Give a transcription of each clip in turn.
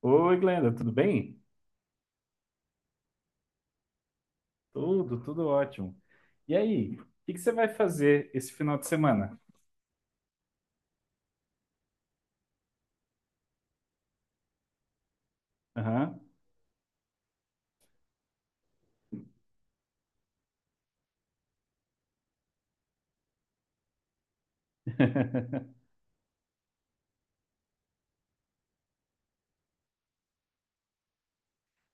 Oi, Glenda, tudo bem? Tudo, tudo ótimo. E aí, o que que você vai fazer esse final de semana? Aham.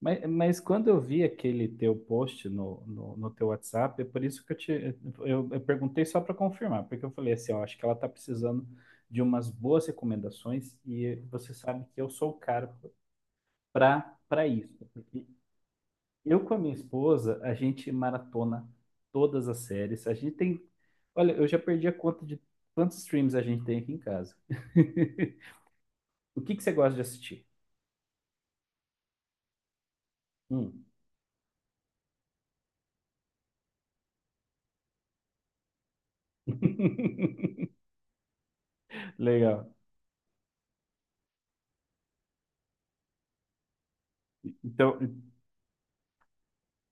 Mas quando eu vi aquele teu post no teu WhatsApp, é por isso que eu perguntei só para confirmar, porque eu falei assim, ó, acho que ela tá precisando de umas boas recomendações e você sabe que eu sou o cara para isso. Eu com a minha esposa, a gente maratona todas as séries. A gente tem. Olha, eu já perdi a conta de quantos streams a gente tem aqui em casa. O que que você gosta de assistir? Hum. Legal. Então,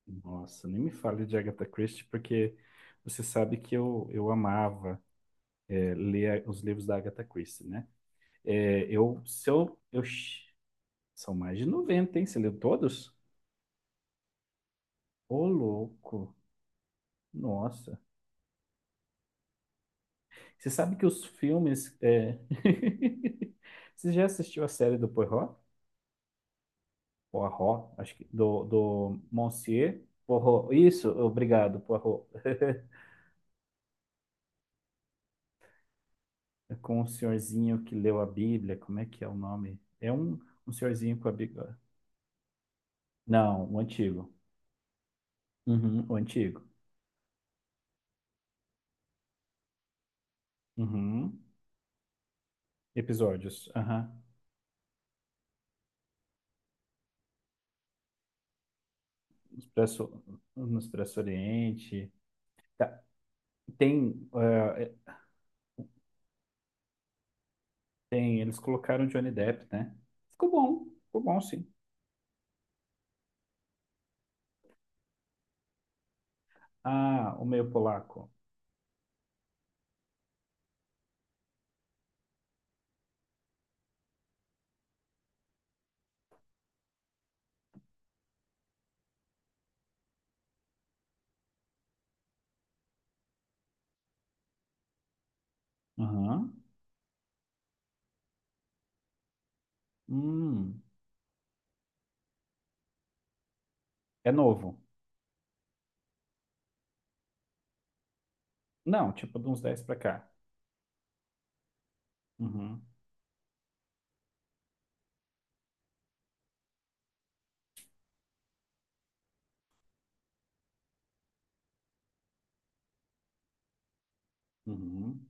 nossa, nem me fale de Agatha Christie, porque você sabe que eu amava ler os livros da Agatha Christie, né? É, eu, se eu, eu, são mais de 90, hein? Você leu todos? Ô, louco. Nossa. Você sabe que os filmes. Você já assistiu a série do Poirot? Poirot, acho que. Do Monsieur Poirot. Isso, obrigado, Poirot. Com um senhorzinho que leu a Bíblia. Como é que é o nome? É um senhorzinho com a Bíblia. Não, o antigo. Uhum, o antigo. Uhum. Episódios. Aham. No Expresso, no Expresso Oriente. Tá, Tem, eh, tem. Eles colocaram Johnny Depp, né? Ficou bom. Ficou bom, sim. Ah, o meio polaco. Uhum. Hum. É novo. Não, tipo de uns 10 pra cá. Uhum. Uhum.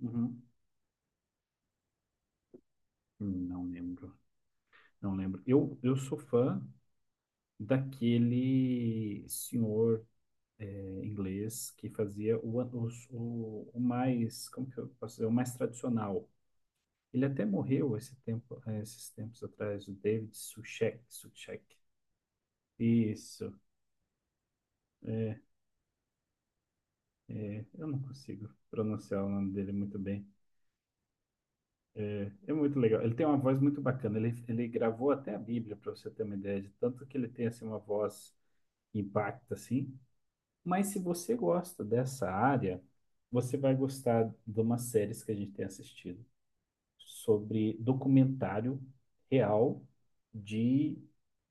Uhum. Não lembro. Não lembro. Eu sou fã daquele senhor inglês que fazia o mais, como que eu posso dizer, o mais tradicional. Ele até morreu esses tempos atrás, o David Suchek. Suchek. Isso. É, eu não consigo pronunciar o nome dele muito bem. É muito legal. Ele tem uma voz muito bacana. Ele gravou até a Bíblia, para você ter uma ideia de tanto que ele tem assim, uma voz que impacta assim. Mas se você gosta dessa área, você vai gostar de umas séries que a gente tem assistido sobre documentário real de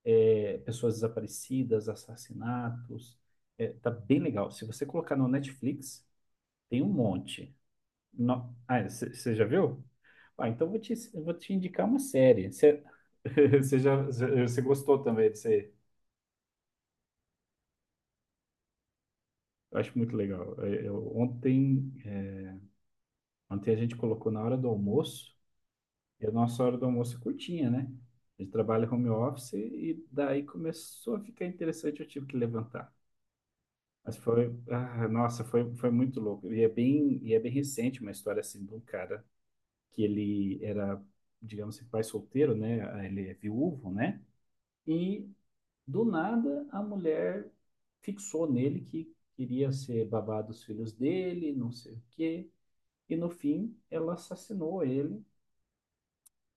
pessoas desaparecidas, assassinatos. É, tá bem legal. Se você colocar no Netflix, tem um monte. No... Ah, você já viu? Ah, então vou te indicar uma série. Você, você gostou também disso aí? Eu acho muito legal. Ontem a gente colocou na hora do almoço, e a nossa hora do almoço é curtinha, né? A gente trabalha home office e daí começou a ficar interessante, eu tive que levantar. Mas foi, ah, nossa, foi muito louco. E é bem recente uma história assim de um cara que ele era, digamos assim, pai solteiro, né? Ele é viúvo, né? E Do nada, a mulher fixou nele que queria ser babá dos filhos dele, não sei o quê. E no fim, ela assassinou ele.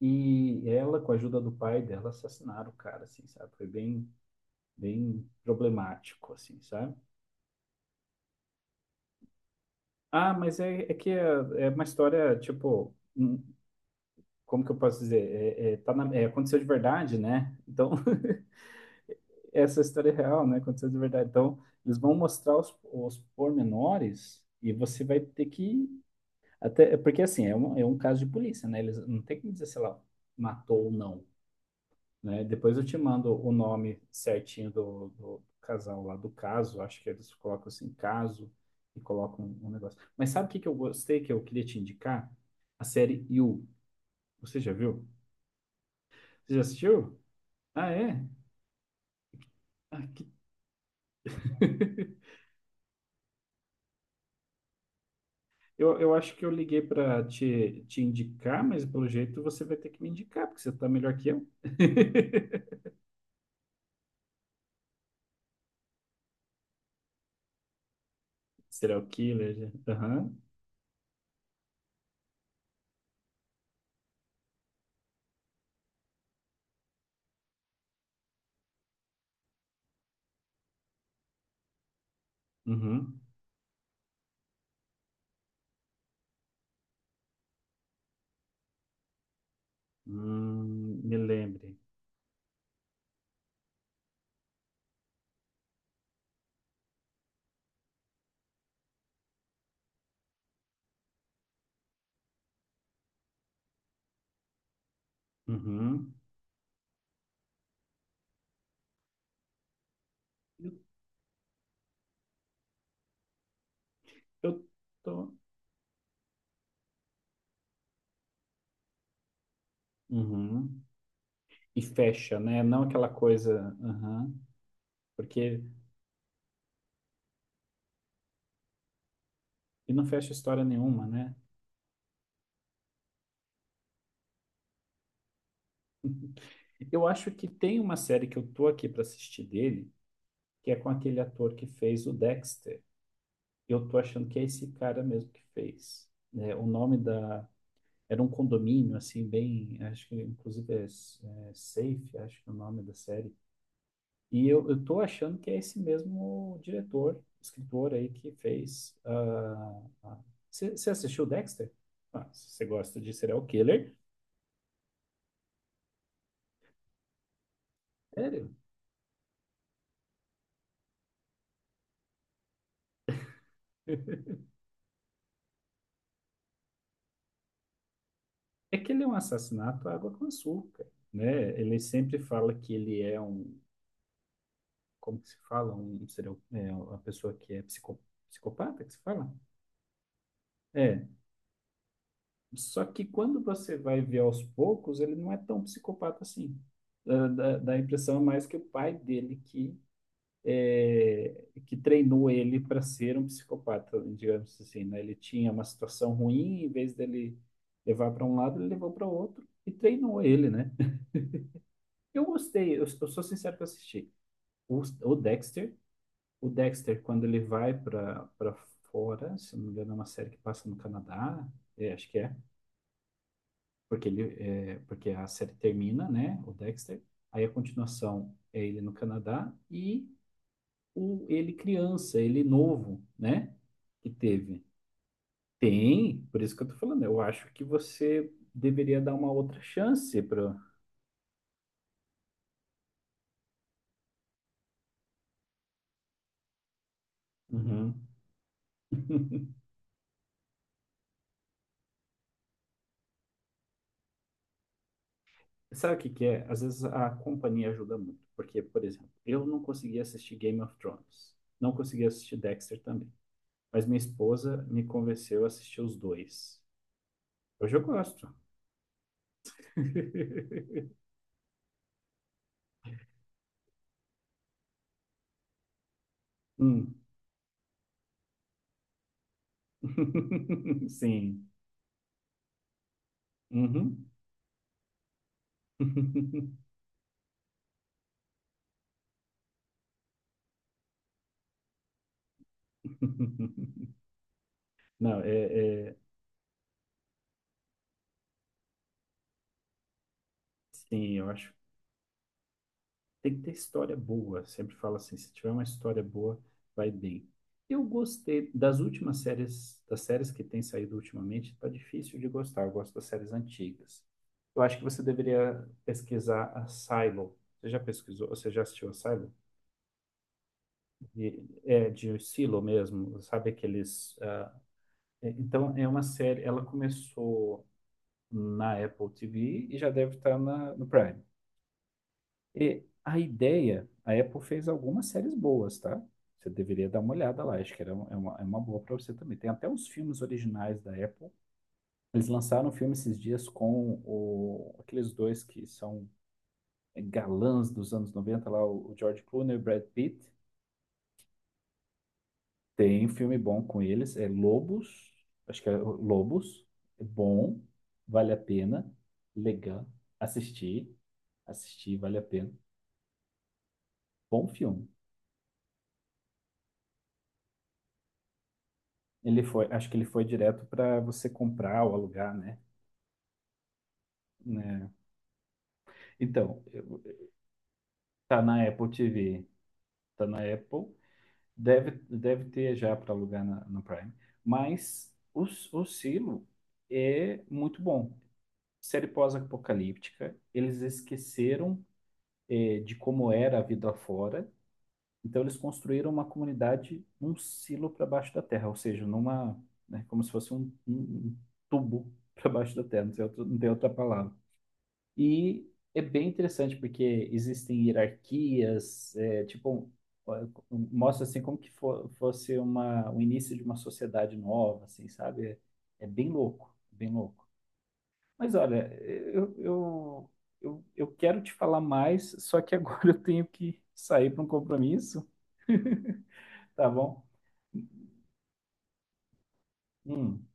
E ela, com a ajuda do pai dela, assassinaram o cara, assim, sabe? Foi bem, bem problemático, assim, sabe? Ah, mas é, é que é, é uma história, tipo, como que eu posso dizer? Aconteceu de verdade, né? Então, essa história é real, né? Aconteceu de verdade. Então, eles vão mostrar os pormenores e você vai ter que. Até, porque, assim, é um caso de polícia, né? Eles não tem como dizer, sei lá, matou ou não, né? Depois eu te mando o nome certinho do casal lá, do caso. Acho que eles colocam assim, caso, e colocam um, um negócio. Mas sabe o que, que eu gostei, que eu queria te indicar? A série You. Você já viu? Você já assistiu? Ah, é? Ah, que... Eu acho que eu liguei para te, te indicar, mas pelo jeito você vai ter que me indicar, porque você tá melhor que eu. Serial killer. Já. Aham. Uhum. Me lembre. Uhum. Eu, eu tô. Uhum. E fecha, né? Não aquela coisa. Uhum. Porque. E não fecha história nenhuma, né? Eu acho que tem uma série que eu tô aqui para assistir dele, que é com aquele ator que fez o Dexter. Eu tô achando que é esse cara mesmo que fez. Né? o nome da. Era um condomínio, assim, bem. Acho que, inclusive, é Safe, acho que é o nome da série. E eu tô achando que é esse mesmo diretor, escritor aí que fez. Você assistiu Dexter? Ah, se você gosta de serial killer, sério. É que ele é um assassinato à água com açúcar, né? Ele sempre fala que ele é um, como que se fala? Uma pessoa que é psicopata, que se fala? É, só que quando você vai ver aos poucos, ele não é tão psicopata assim. Dá a impressão mais que o pai dele que, que treinou ele para ser um psicopata, digamos assim, né? Ele tinha uma situação ruim, em vez dele levar para um lado, ele levou para o outro e treinou ele, né? Eu gostei, eu sou sincero que eu assisti. O, o Dexter, o Dexter, quando ele vai para fora, se eu não me engano, é uma série que passa no Canadá, é, acho que é. Porque a série termina, né, o Dexter, aí a continuação é ele no Canadá e o ele criança, ele novo, né, que teve. Tem, por isso que eu tô falando, eu acho que você deveria dar uma outra chance para Uhum. Sabe o que que é? Às vezes a companhia ajuda muito, porque, por exemplo, eu não conseguia assistir Game of Thrones, não conseguia assistir Dexter também, mas minha esposa me convenceu a assistir os dois. Hoje eu gosto. Hum. Sim. Uhum. Não, é, é- Sim, eu acho. Que Tem que ter história boa. Sempre falo assim, se tiver uma história boa, vai bem. Eu gostei das últimas séries, das séries que têm saído ultimamente, tá difícil de gostar. Eu gosto das séries antigas. Eu acho que você deveria pesquisar a Silo. Você já pesquisou? Você já assistiu a Silo? É de Silo mesmo, sabe aqueles. Então é uma série. Ela começou na Apple TV e já deve estar no Prime. E a ideia, a Apple fez algumas séries boas, tá? Você deveria dar uma olhada lá, acho que era, é uma boa para você também. Tem até os filmes originais da Apple. Eles lançaram um filme esses dias com o, aqueles dois que são galãs dos anos 90 lá, o George Clooney e o Brad Pitt. Tem um filme bom com eles, é Lobos, acho que é Lobos, é bom, vale a pena, legal, assistir, assistir, vale a pena. Bom filme. Ele foi, acho que ele foi direto para você comprar ou alugar, né? Né? Então, tá na Apple TV, tá na Apple, deve ter já para alugar no Prime. Mas o Silo é muito bom. Série pós-apocalíptica, eles esqueceram de como era a vida fora. Então eles construíram uma comunidade num silo para baixo da terra, ou seja, numa, né, como se fosse um, um tubo para baixo da terra, não tem outra palavra. E é bem interessante porque existem hierarquias, é, tipo mostra assim como que fosse uma, o início de uma sociedade nova, assim, sabe? É, é bem louco, bem louco. Mas olha, eu, eu, eu quero te falar mais, só que agora eu tenho que sair para um compromisso, tá bom? Hum,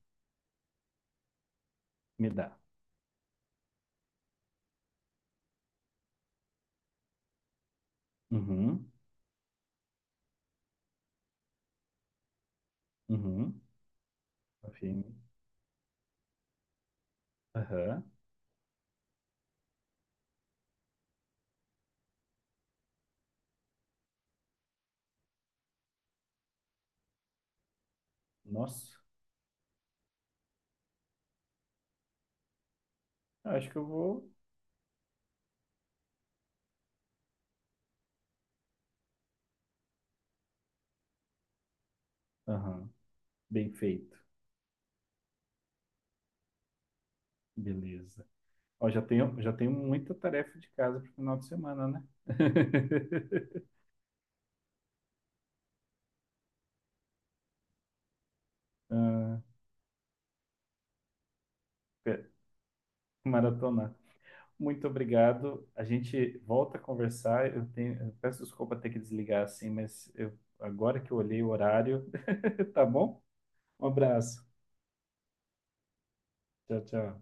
me dá. Uhum, uhum, afirme. Aham, nossa, acho que eu vou. Aham, bem feito, beleza. Ó, já tenho muita tarefa de casa pro final de semana, né? Ah, pe- maratonar. Muito obrigado. A gente volta a conversar. Eu peço desculpa ter que desligar assim, mas eu, agora que eu olhei o horário, tá bom? Um abraço. Tchau, tchau.